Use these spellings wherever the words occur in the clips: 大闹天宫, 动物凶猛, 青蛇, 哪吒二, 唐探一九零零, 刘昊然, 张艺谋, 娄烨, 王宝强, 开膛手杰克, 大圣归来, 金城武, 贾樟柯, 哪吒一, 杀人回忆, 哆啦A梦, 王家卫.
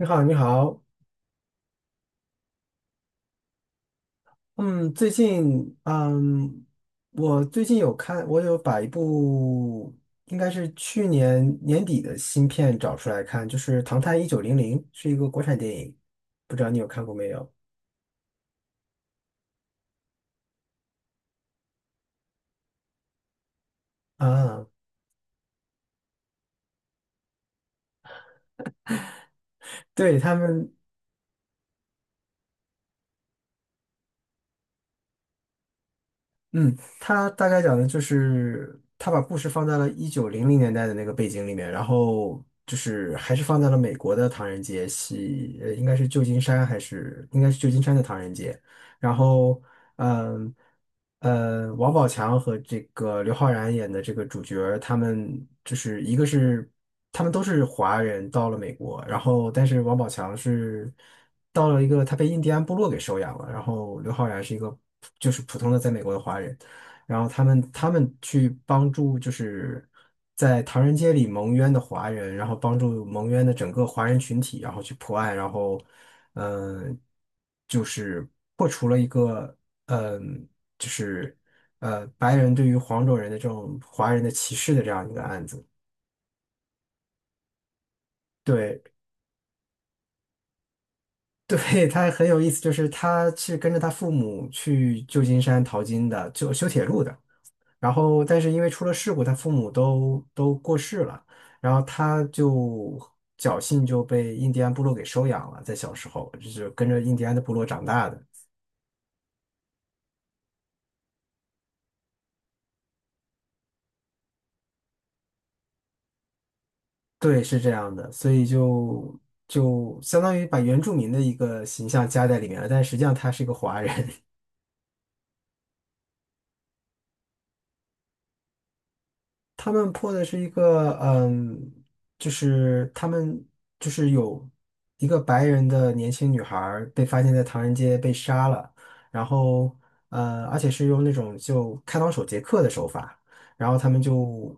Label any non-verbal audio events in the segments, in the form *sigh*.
你好，你好。嗯，最近，我最近有看，我有把一部应该是去年年底的新片找出来看，就是《唐探一九零零》，是一个国产电影，不知道你有看过没有？啊，对，他们，嗯，他大概讲的就是他把故事放在了1900年代的那个背景里面，然后就是还是放在了美国的唐人街，应该是旧金山还是应该是旧金山的唐人街。然后，嗯，王宝强和这个刘昊然演的这个主角儿他们就是一个是他们都是华人到了美国，然后但是王宝强是到了一个他被印第安部落给收养了，然后刘昊然是一个就是普通的在美国的华人。然后他们去帮助就是在唐人街里蒙冤的华人，然后帮助蒙冤的整个华人群体，然后去破案，然后嗯、呃就是破除了一个嗯、就是白人对于黄种人的这种华人的歧视的这样一个案子。对。 *laughs* 对，他很有意思，就是他是跟着他父母去旧金山淘金的，就修铁路的。然后但是因为出了事故，他父母都过世了，然后他就侥幸就被印第安部落给收养了，在小时候就是跟着印第安的部落长大的，对，是这样的，所以就就相当于把原住民的一个形象加在里面了，但实际上他是一个华人。他们破的是一个，就是他们就是有一个白人的年轻女孩儿被发现在唐人街被杀了，然后而且是用那种就开膛手杰克的手法，然后他们就，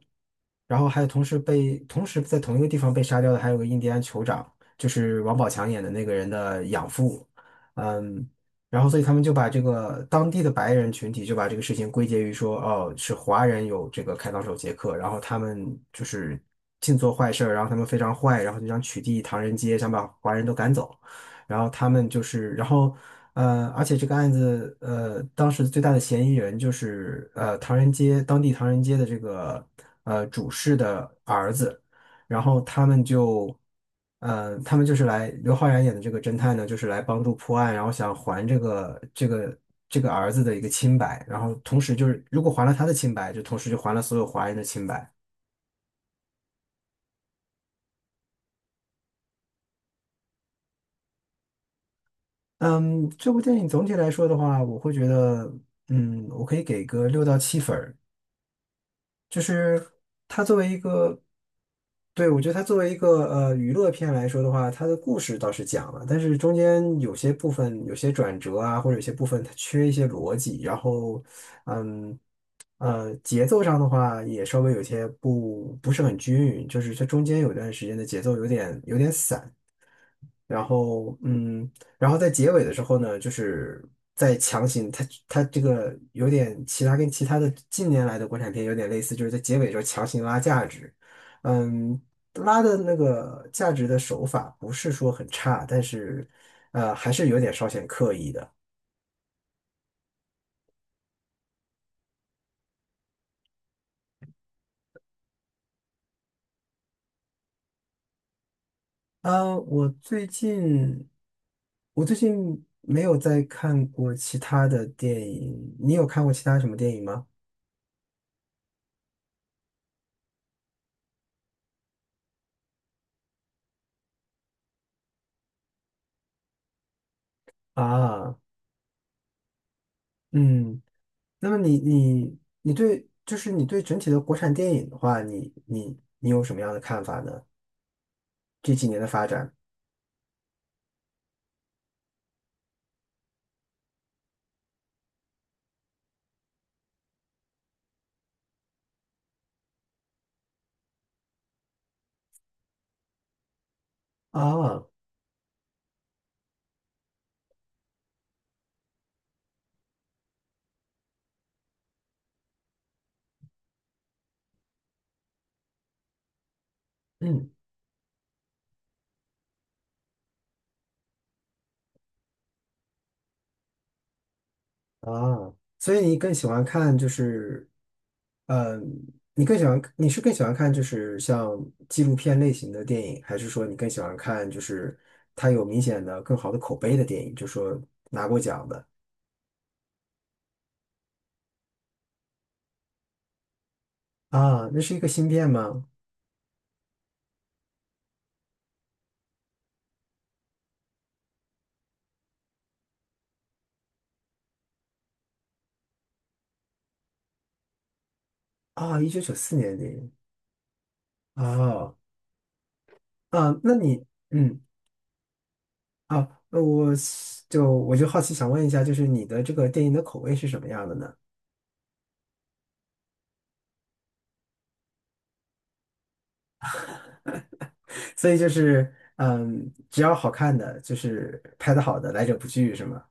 然后还有同时被同时在同一个地方被杀掉的还有个印第安酋长，就是王宝强演的那个人的养父。嗯。然后所以他们就把这个当地的白人群体就把这个事情归结于说，哦，是华人有这个开膛手杰克，然后他们就是尽做坏事儿，然后他们非常坏，然后就想取缔唐人街，想把华人都赶走，然后他们就是，然后而且这个案子当时最大的嫌疑人就是唐人街当地唐人街的这个主事的儿子。然后他们就，他们就是来刘昊然演的这个侦探呢，就是来帮助破案，然后想还这个这个儿子的一个清白，然后同时就是如果还了他的清白，就同时就还了所有华人的清白。嗯，这部电影总体来说的话，我会觉得，我可以给个6到7分儿。就是它作为一个，对，我觉得它作为一个娱乐片来说的话，它的故事倒是讲了，但是中间有些部分有些转折啊，或者有些部分它缺一些逻辑，然后嗯节奏上的话也稍微有些不是很均匀，就是它中间有段时间的节奏有点散。然后然后在结尾的时候呢，就是在强行他这个有点其他跟其他的近年来的国产片有点类似，就是在结尾的时候强行拉价值，嗯，拉的那个价值的手法不是说很差，但是还是有点稍显刻意的。啊，我最近没有再看过其他的电影，你有看过其他什么电影吗？啊，嗯。那么你对，就是你对整体的国产电影的话，你有什么样的看法呢？这几年的发展啊，嗯啊，所以你更喜欢看就是，嗯，你是更喜欢看就是像纪录片类型的电影，还是说你更喜欢看就是它有明显的更好的口碑的电影，就说拿过奖的啊？那是一个新片吗？啊，1994年的电影。啊，啊，那你。嗯。啊，那我是就我就好奇想问一下，就是你的这个电影的口味是什么样的呢？*laughs* 所以就是，只要好看的，就是拍的好的，来者不拒，是吗？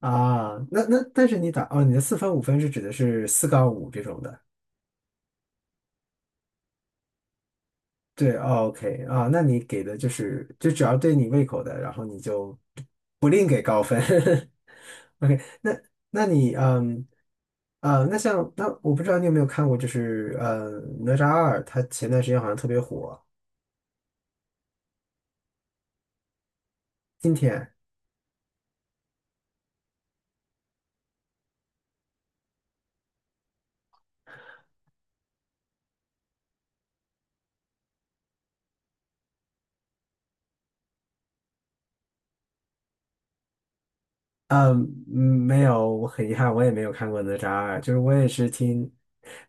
啊，那但是你打哦，你的四分五分是指的是四杠五这种的，对。 o k 啊，那你给的就是就只要对你胃口的，然后你就 OK。那那你嗯啊，那像那我不知道你有没有看过，就是哪吒二，它前段时间好像特别火，今天。嗯，没有，我很遗憾，我也没有看过哪吒二，就是我也是听，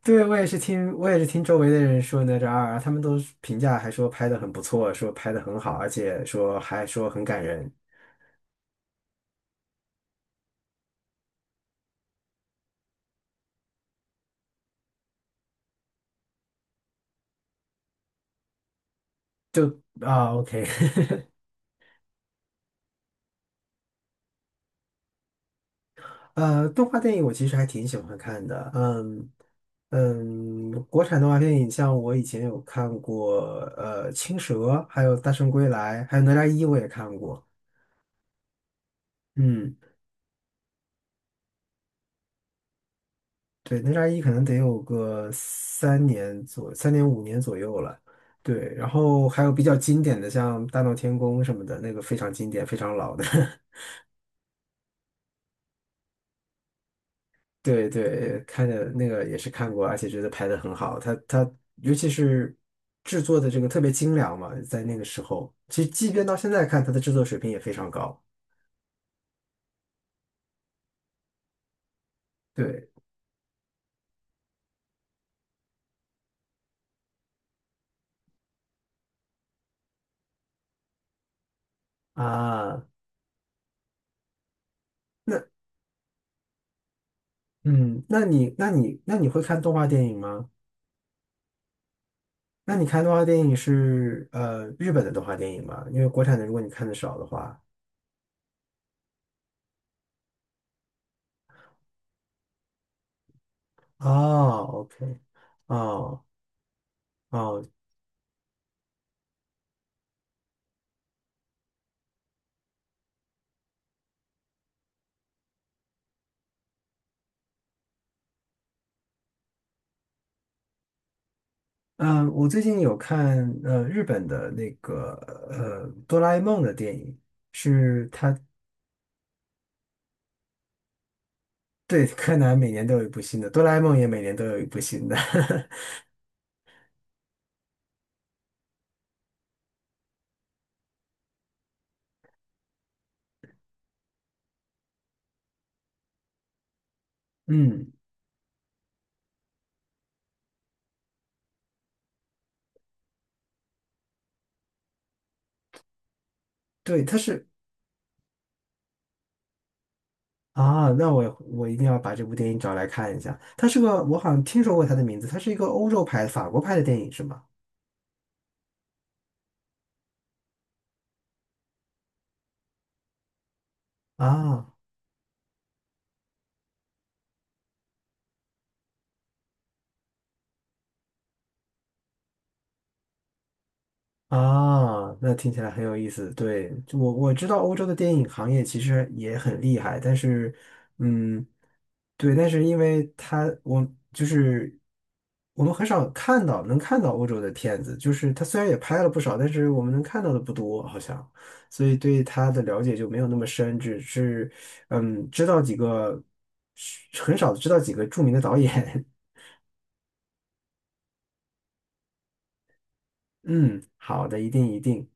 对，我也是听周围的人说哪吒二，他们都是评价还说拍的很不错，说拍的很好，而且说还说很感人，就啊，OK。*laughs* 动画电影我其实还挺喜欢看的，国产动画电影像我以前有看过，青蛇》，还有《大圣归来》，还有《哪吒一》，我也看过，嗯。对，哪吒一可能得有个3年5年左右了。对，然后还有比较经典的，像《大闹天宫》什么的，那个非常经典，非常老的。*laughs* 对对，看着那个也是看过，而且觉得拍的很好。它尤其是制作的这个特别精良嘛，在那个时候，其实即便到现在看，它的制作水平也非常高。对啊，那嗯，那你会看动画电影吗？那你看动画电影是日本的动画电影吗？因为国产的，如果你看的少的话，哦，OK。哦哦，嗯、我最近有看日本的那个哆啦 A 梦的电影，是它对柯南每年都有一部新的，哆啦 A 梦也每年都有一部新的。*laughs* 嗯，对，它是。啊，那我一定要把这部电影找来看一下。它是个我好像听说过它的名字，它是一个欧洲拍的法国拍的电影是吗？啊。啊，那听起来很有意思。对，就我知道欧洲的电影行业其实也很厉害，但是，嗯，对，但是因为它，我就是我们很少看到能看到欧洲的片子，就是它虽然也拍了不少，但是我们能看到的不多，好像，所以对它的了解就没有那么深，只是知道几个，很少知道几个著名的导演。*laughs* 嗯，好的，一定一定。